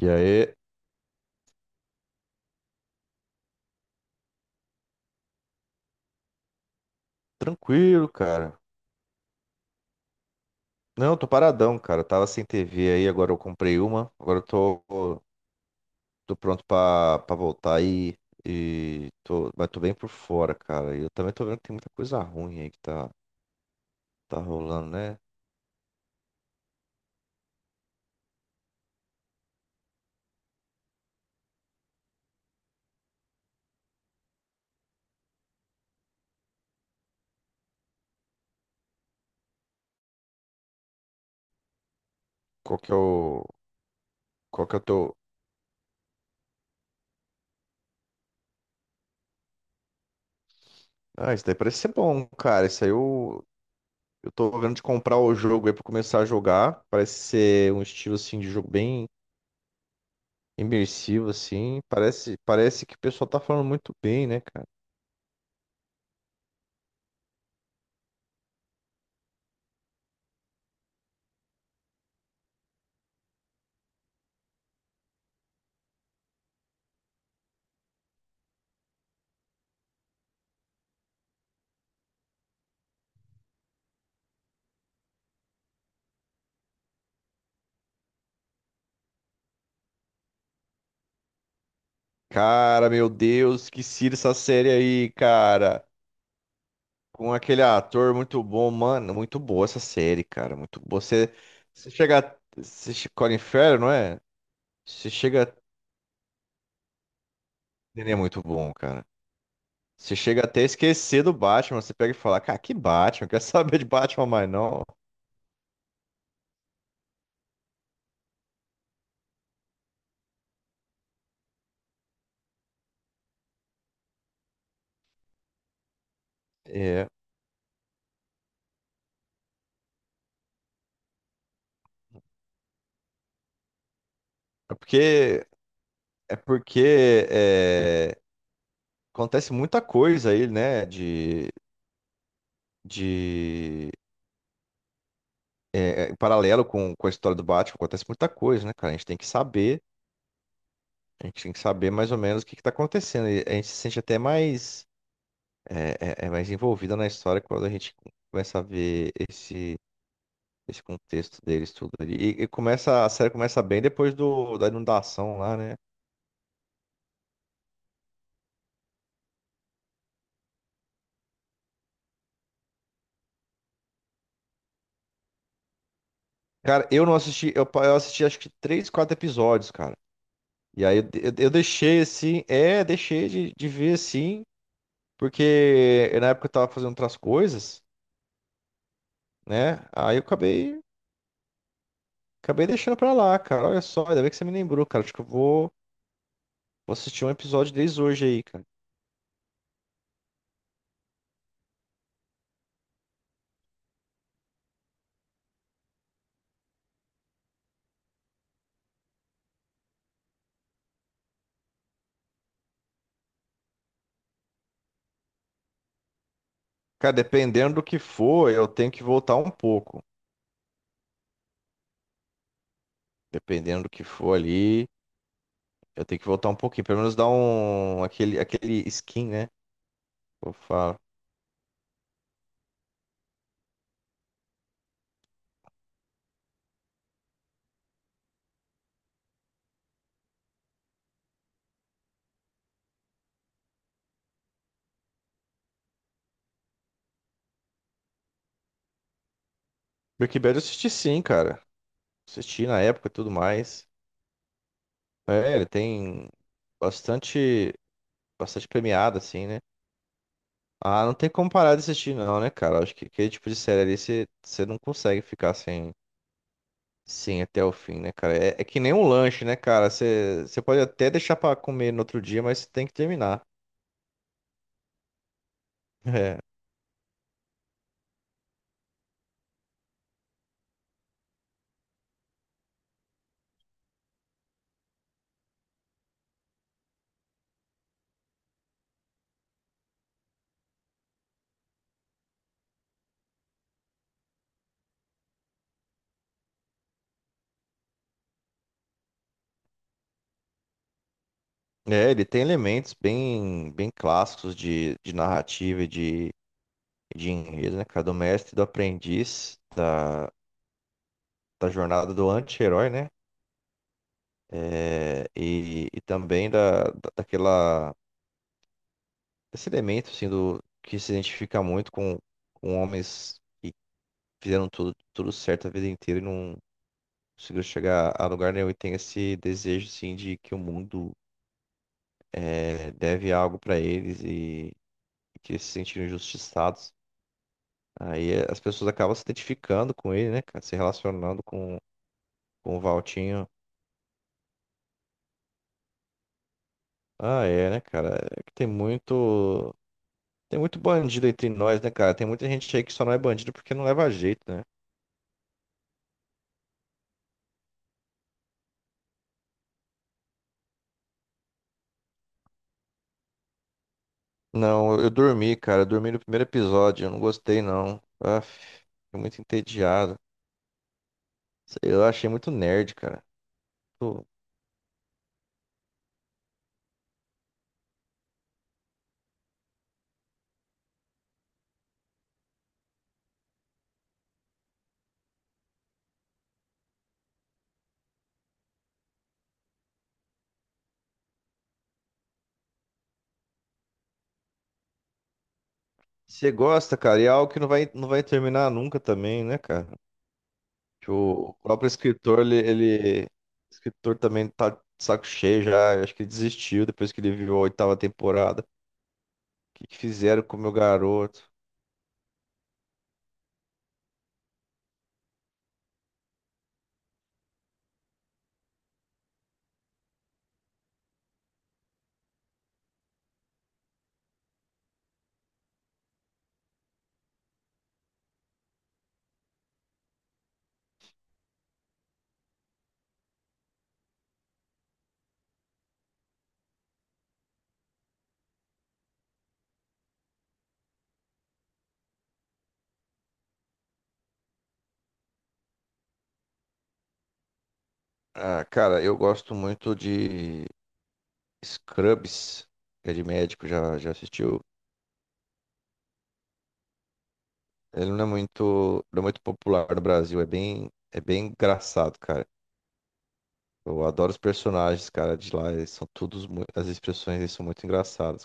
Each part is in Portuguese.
E aí, tranquilo, cara. Não, tô paradão, cara. Tava sem TV aí, agora eu comprei uma. Agora eu tô, tô pronto pra voltar aí. E tô, mas tô bem por fora, cara. E eu também tô vendo que tem muita coisa ruim aí que tá rolando, né? Qual que é o. Qual que é o teu. Ah, isso daí parece ser bom, cara. Eu tô vendo de comprar o jogo aí pra começar a jogar. Parece ser um estilo assim de jogo bem imersivo, assim. Parece que o pessoal tá falando muito bem, né, cara? Cara, meu Deus, que cira essa série aí, cara. Com aquele ator muito bom, mano. Muito boa essa série, cara. Muito boa. Você, você chega. Você, che- Colin Farrell, não é? Você chega. Ele é muito bom, cara. Você chega até a esquecer do Batman. Você pega e fala, cara, que Batman? Quer saber de Batman mais não? É. É porque. É porque. é, acontece muita coisa aí, né? De. De. Em paralelo com a história do Batman, acontece muita coisa, né, cara? A gente tem que saber mais ou menos o que que tá acontecendo. E a gente se sente até mais, é, é mais envolvida na história quando a gente começa a ver esse contexto deles tudo ali. E começa, a série começa bem depois do, da inundação lá, né? Cara, eu não assisti, eu assisti acho que três, quatro episódios, cara. E aí eu deixei assim, é, deixei de ver assim, porque na época eu tava fazendo outras coisas, né? Aí eu acabei Acabei deixando pra lá, cara. Olha só, ainda bem que você me lembrou, cara. Acho que vou assistir um episódio desde hoje aí, cara. Cara, dependendo do que for, eu tenho que voltar um pouco. Dependendo do que for ali, eu tenho que voltar um pouquinho. Pelo menos dar um. Aquele skin, né? Eu falo. Breaking Bad eu assisti sim, cara. Assisti na época e tudo mais. É, ele tem bastante. Bastante premiado, assim, né? Ah, não tem como parar de assistir, não, né, cara? Acho que aquele tipo de série ali você não consegue ficar sem. Sim, até o fim, né, cara? É, é que nem um lanche, né, cara? Você pode até deixar pra comer no outro dia, mas você tem que terminar. É, ele tem elementos bem clássicos de narrativa e de enredo, né, cara? Do mestre, e do aprendiz, da jornada do anti-herói, né? É, e também daquela, desse elemento, assim, do, que se identifica muito com homens que fizeram tudo, tudo certo a vida inteira conseguiu chegar a lugar nenhum e tem esse desejo, assim, de que o mundo é, deve algo pra eles e que eles se sentiram injustiçados. Aí eh, as pessoas acabam se identificando com ele, né, cara? Se relacionando com o Valtinho. Ah, é, né, cara? É que tem muito. Tem muito bandido entre nós, né, cara? Tem muita gente aí que só não é bandido porque não leva jeito, né? Não, eu dormi, cara. Eu dormi no primeiro episódio. Eu não gostei, não. Ah, fiquei muito entediado. Sei lá, eu achei muito nerd, cara. Você gosta, cara, e é algo que não vai terminar nunca também, né, cara? Que o próprio escritor, o escritor também tá de saco cheio já, eu acho que ele desistiu depois que ele viu a oitava temporada. O que que fizeram com o meu garoto? Ah, cara, eu gosto muito de Scrubs, que é de médico, já assistiu. Ele não é muito popular no Brasil, é bem engraçado, cara. Eu adoro os personagens, cara, de lá, eles são todos, mui- as expressões, eles são muito engraçadas.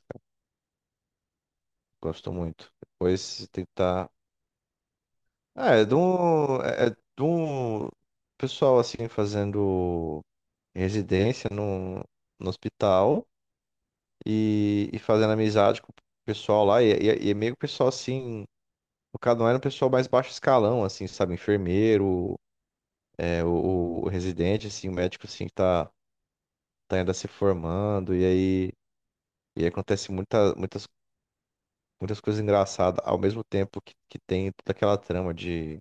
Gosto muito. Depois tentar. É é de um pessoal assim fazendo residência no, no hospital e fazendo amizade com o pessoal lá. E é meio que o pessoal assim. O cada um era um pessoal mais baixo escalão, assim, sabe? Enfermeiro, é, o residente, assim, o médico assim que tá, tá ainda se formando. E aí acontece muitas coisas engraçadas ao mesmo tempo que tem toda aquela trama de.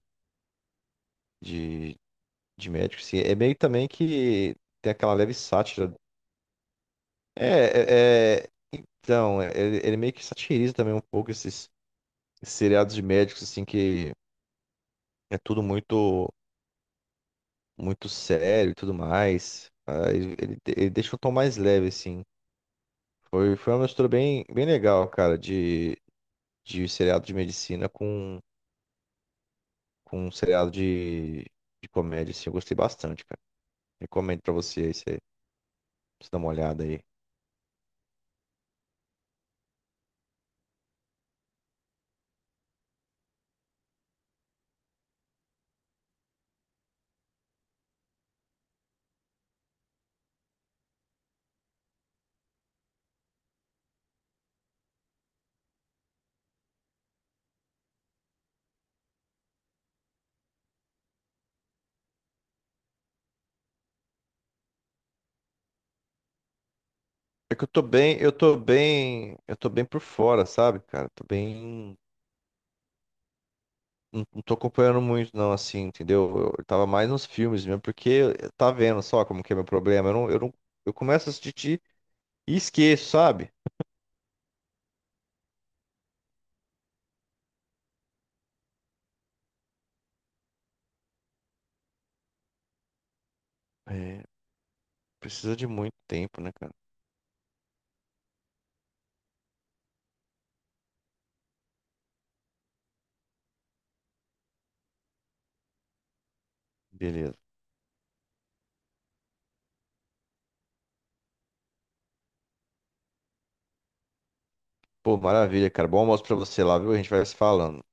De de médico, sim. É meio também que tem aquela leve sátira. É, é, é- ele meio que satiriza também um pouco esses seriados de médicos, assim, que é tudo muito, muito sério e tudo mais. Ah, ele deixa um tom mais leve, assim. Foi uma mistura bem, bem legal, cara, de seriado de medicina com um seriado de comédia, assim. Eu gostei bastante, cara. Recomendo pra você aí, você dar uma olhada aí. É que eu tô bem por fora, sabe, cara? Tô bem, não tô acompanhando muito não, assim, entendeu? Eu tava mais nos filmes mesmo, porque eu- tá vendo só como que é meu problema. Eu não, eu não, eu começo a assistir e esqueço, sabe? É, precisa de muito tempo, né, cara? Beleza. Pô, maravilha, cara. Bom almoço pra você lá, viu? A gente vai se falando.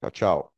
Tchau, tchau.